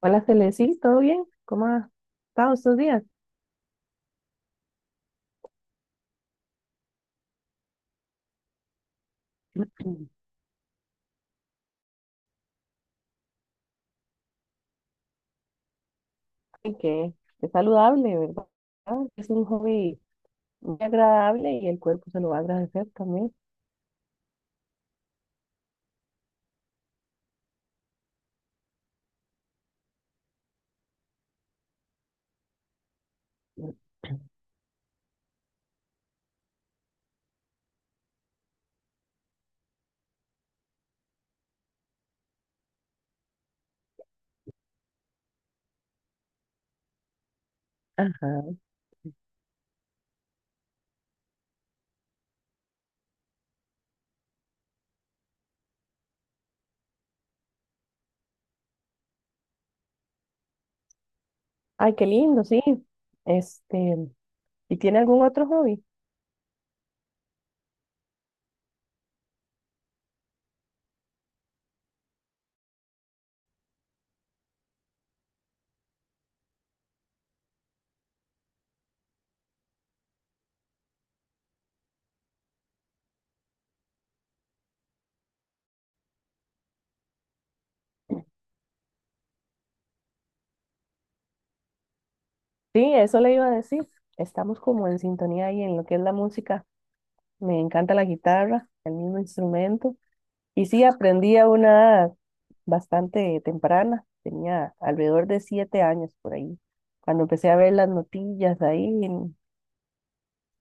Hola, Celesi, ¿todo bien? ¿Cómo ha estado estos días? Mm. Ay, que es saludable, ¿verdad? Es un hobby muy agradable y el cuerpo se lo va a agradecer también. Ajá. Ay, qué lindo, sí. Este, ¿Y tiene algún otro hobby? Sí, eso le iba a decir. Estamos como en sintonía ahí en lo que es la música. Me encanta la guitarra, el mismo instrumento. Y sí, aprendí a una edad bastante temprana, tenía alrededor de 7 años por ahí, cuando empecé a ver las notillas ahí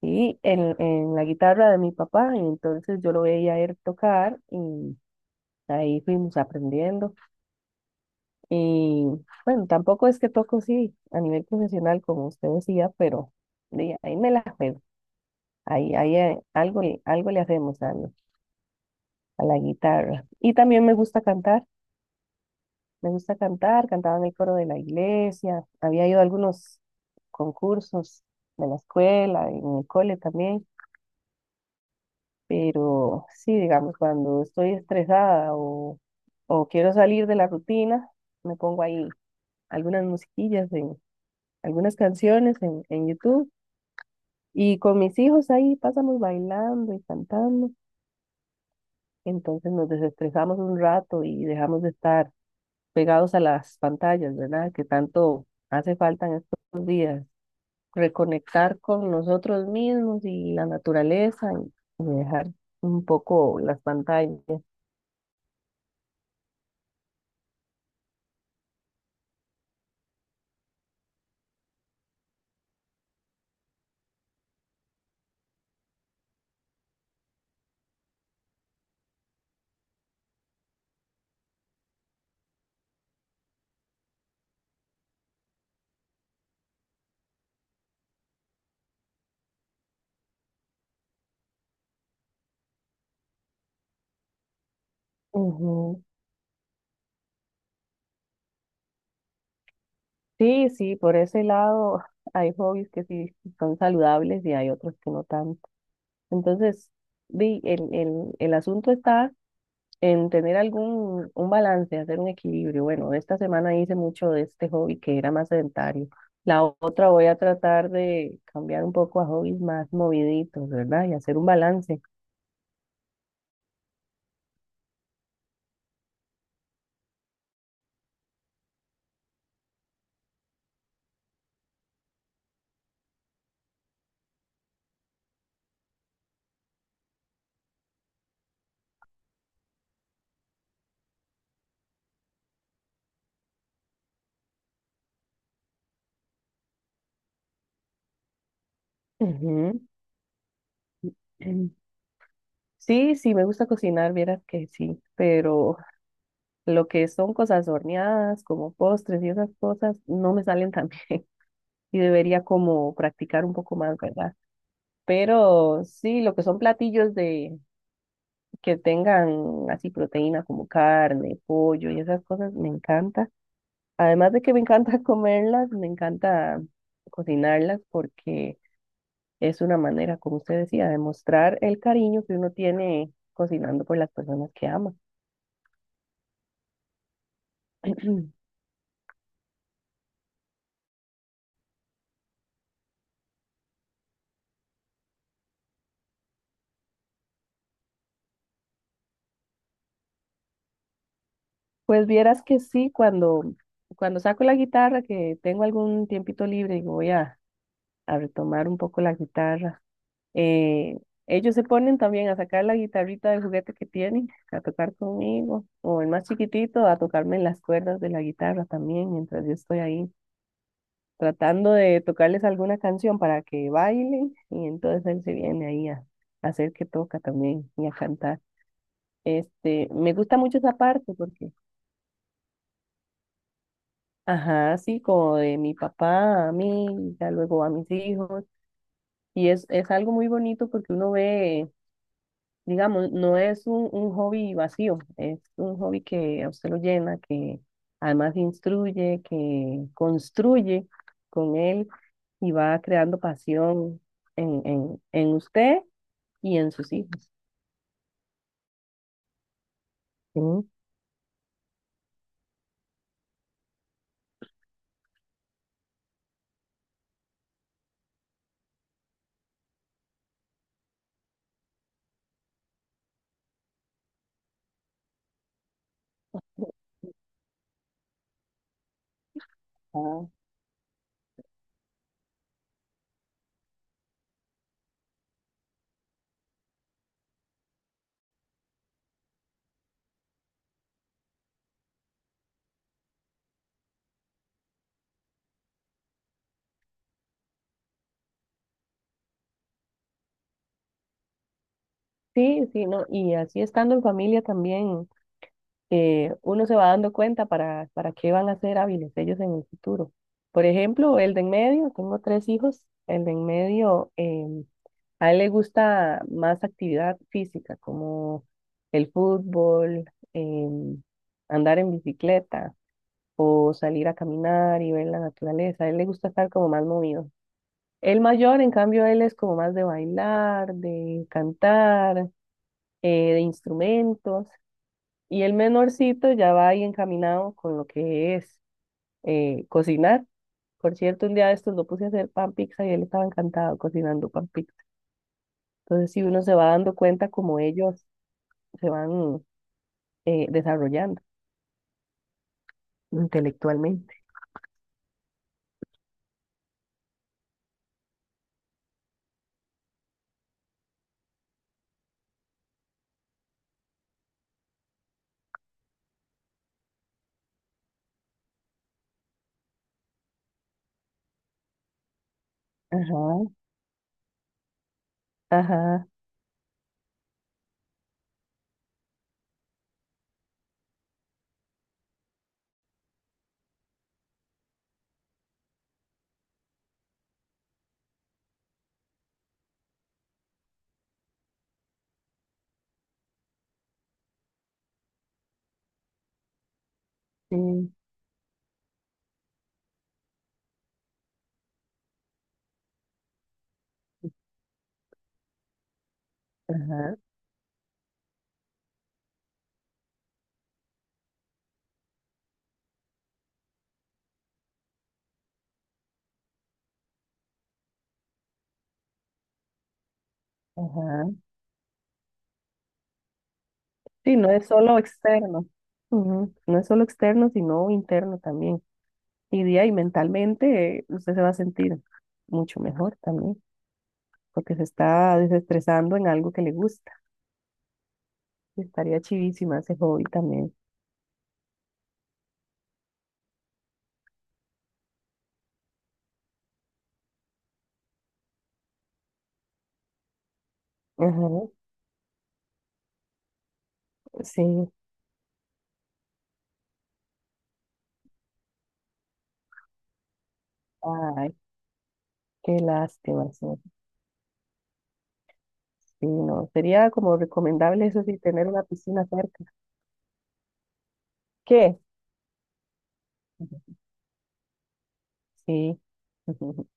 y en la guitarra de mi papá, y entonces yo lo veía a él tocar y ahí fuimos aprendiendo. Y bueno, tampoco es que toco, sí, a nivel profesional, como usted decía, pero de ahí me la juego, ahí algo le hacemos a la guitarra. Y también me gusta cantar. Me gusta cantar, cantaba en el coro de la iglesia, había ido a algunos concursos de la escuela, en el cole también, pero sí, digamos, cuando estoy estresada o quiero salir de la rutina, me pongo ahí algunas musiquillas, algunas canciones en YouTube y con mis hijos ahí pasamos bailando y cantando, entonces nos desestresamos un rato y dejamos de estar pegados a las pantallas, ¿verdad? Que tanto hace falta en estos días. Reconectar con nosotros mismos y la naturaleza y dejar un poco las pantallas. Ujú. Sí, sí, por ese lado hay hobbies que sí son saludables y hay otros que no tanto. Entonces, di, el asunto está en tener algún un balance, hacer un equilibrio. Bueno, esta semana hice mucho de este hobby que era más sedentario. La otra voy a tratar de cambiar un poco a hobbies más moviditos, ¿verdad? Y hacer un balance. Ujú. Sí, sí, me gusta cocinar, vieras que sí, pero lo que son cosas horneadas, como postres y esas cosas, no me salen tan bien y debería como practicar un poco más, ¿verdad? Pero sí, lo que son platillos de que tengan así proteína como carne, pollo y esas cosas, me encanta. Además de que me encanta comerlas, me encanta cocinarlas porque es una manera, como usted decía, de mostrar el cariño que uno tiene cocinando por las personas que ama. Pues vieras que sí, cuando, saco la guitarra, que tengo algún tiempito libre y voy a retomar un poco la guitarra, eh, ellos se ponen también a sacar la guitarrita de juguete que tienen, a tocar conmigo, o el más chiquitito, a tocarme las cuerdas de la guitarra también, mientras yo estoy ahí tratando de tocarles alguna canción para que bailen, y entonces él se viene ahí a hacer que toca también y a cantar. Me gusta mucho esa parte porque Ajá, sí, como de mi papá a mí, ya luego a mis hijos. Y es algo muy bonito porque uno ve, digamos, no es un, hobby vacío, es un hobby que a usted lo llena, que además instruye, que construye con él y va creando pasión en usted y en sus hijos. Sí, ah, sí, sí, no, y así estando en familia también. Uno se va dando cuenta para qué van a ser hábiles ellos en el futuro. Por ejemplo, el de en medio, tengo tres hijos, el de en medio, a él le gusta más actividad física, como el fútbol, em, andar en bicicleta o salir a caminar y ver la naturaleza. A él le gusta estar como más movido. El mayor, en cambio, él es como más de bailar, de cantar, de instrumentos. Y el menorcito ya va ahí encaminado con lo que es cocinar. Por cierto, un día de estos lo puse a hacer pan pizza y él estaba encantado cocinando pan pizza. Entonces, si uno se va dando cuenta como ellos se van desarrollando intelectualmente. Ajá, ajá, sí, ajá, ajá. Sí, no es solo externo. Ujú, no es solo externo, sino interno también. Y día y mentalmente usted se va a sentir mucho mejor también. Porque se está desestresando en algo que le gusta. Estaría chivísima ese hobby también. Ajá, sí, ay, qué lástima. Sí, sí, no, sería como recomendable eso sí, tener una piscina cerca. ¿Qué? Sí.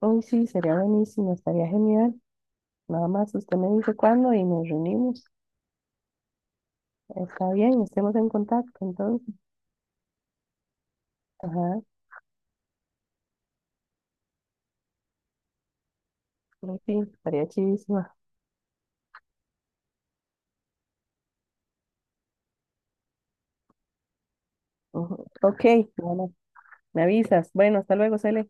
Uy, sí, sería buenísimo, estaría genial. Nada más usted me dice cuándo y nos reunimos. Está bien, estemos en contacto entonces. Ajá, sí, sí, estaría chidísima. Ujú. Ok, bueno, me avisas. Bueno, hasta luego, Cele.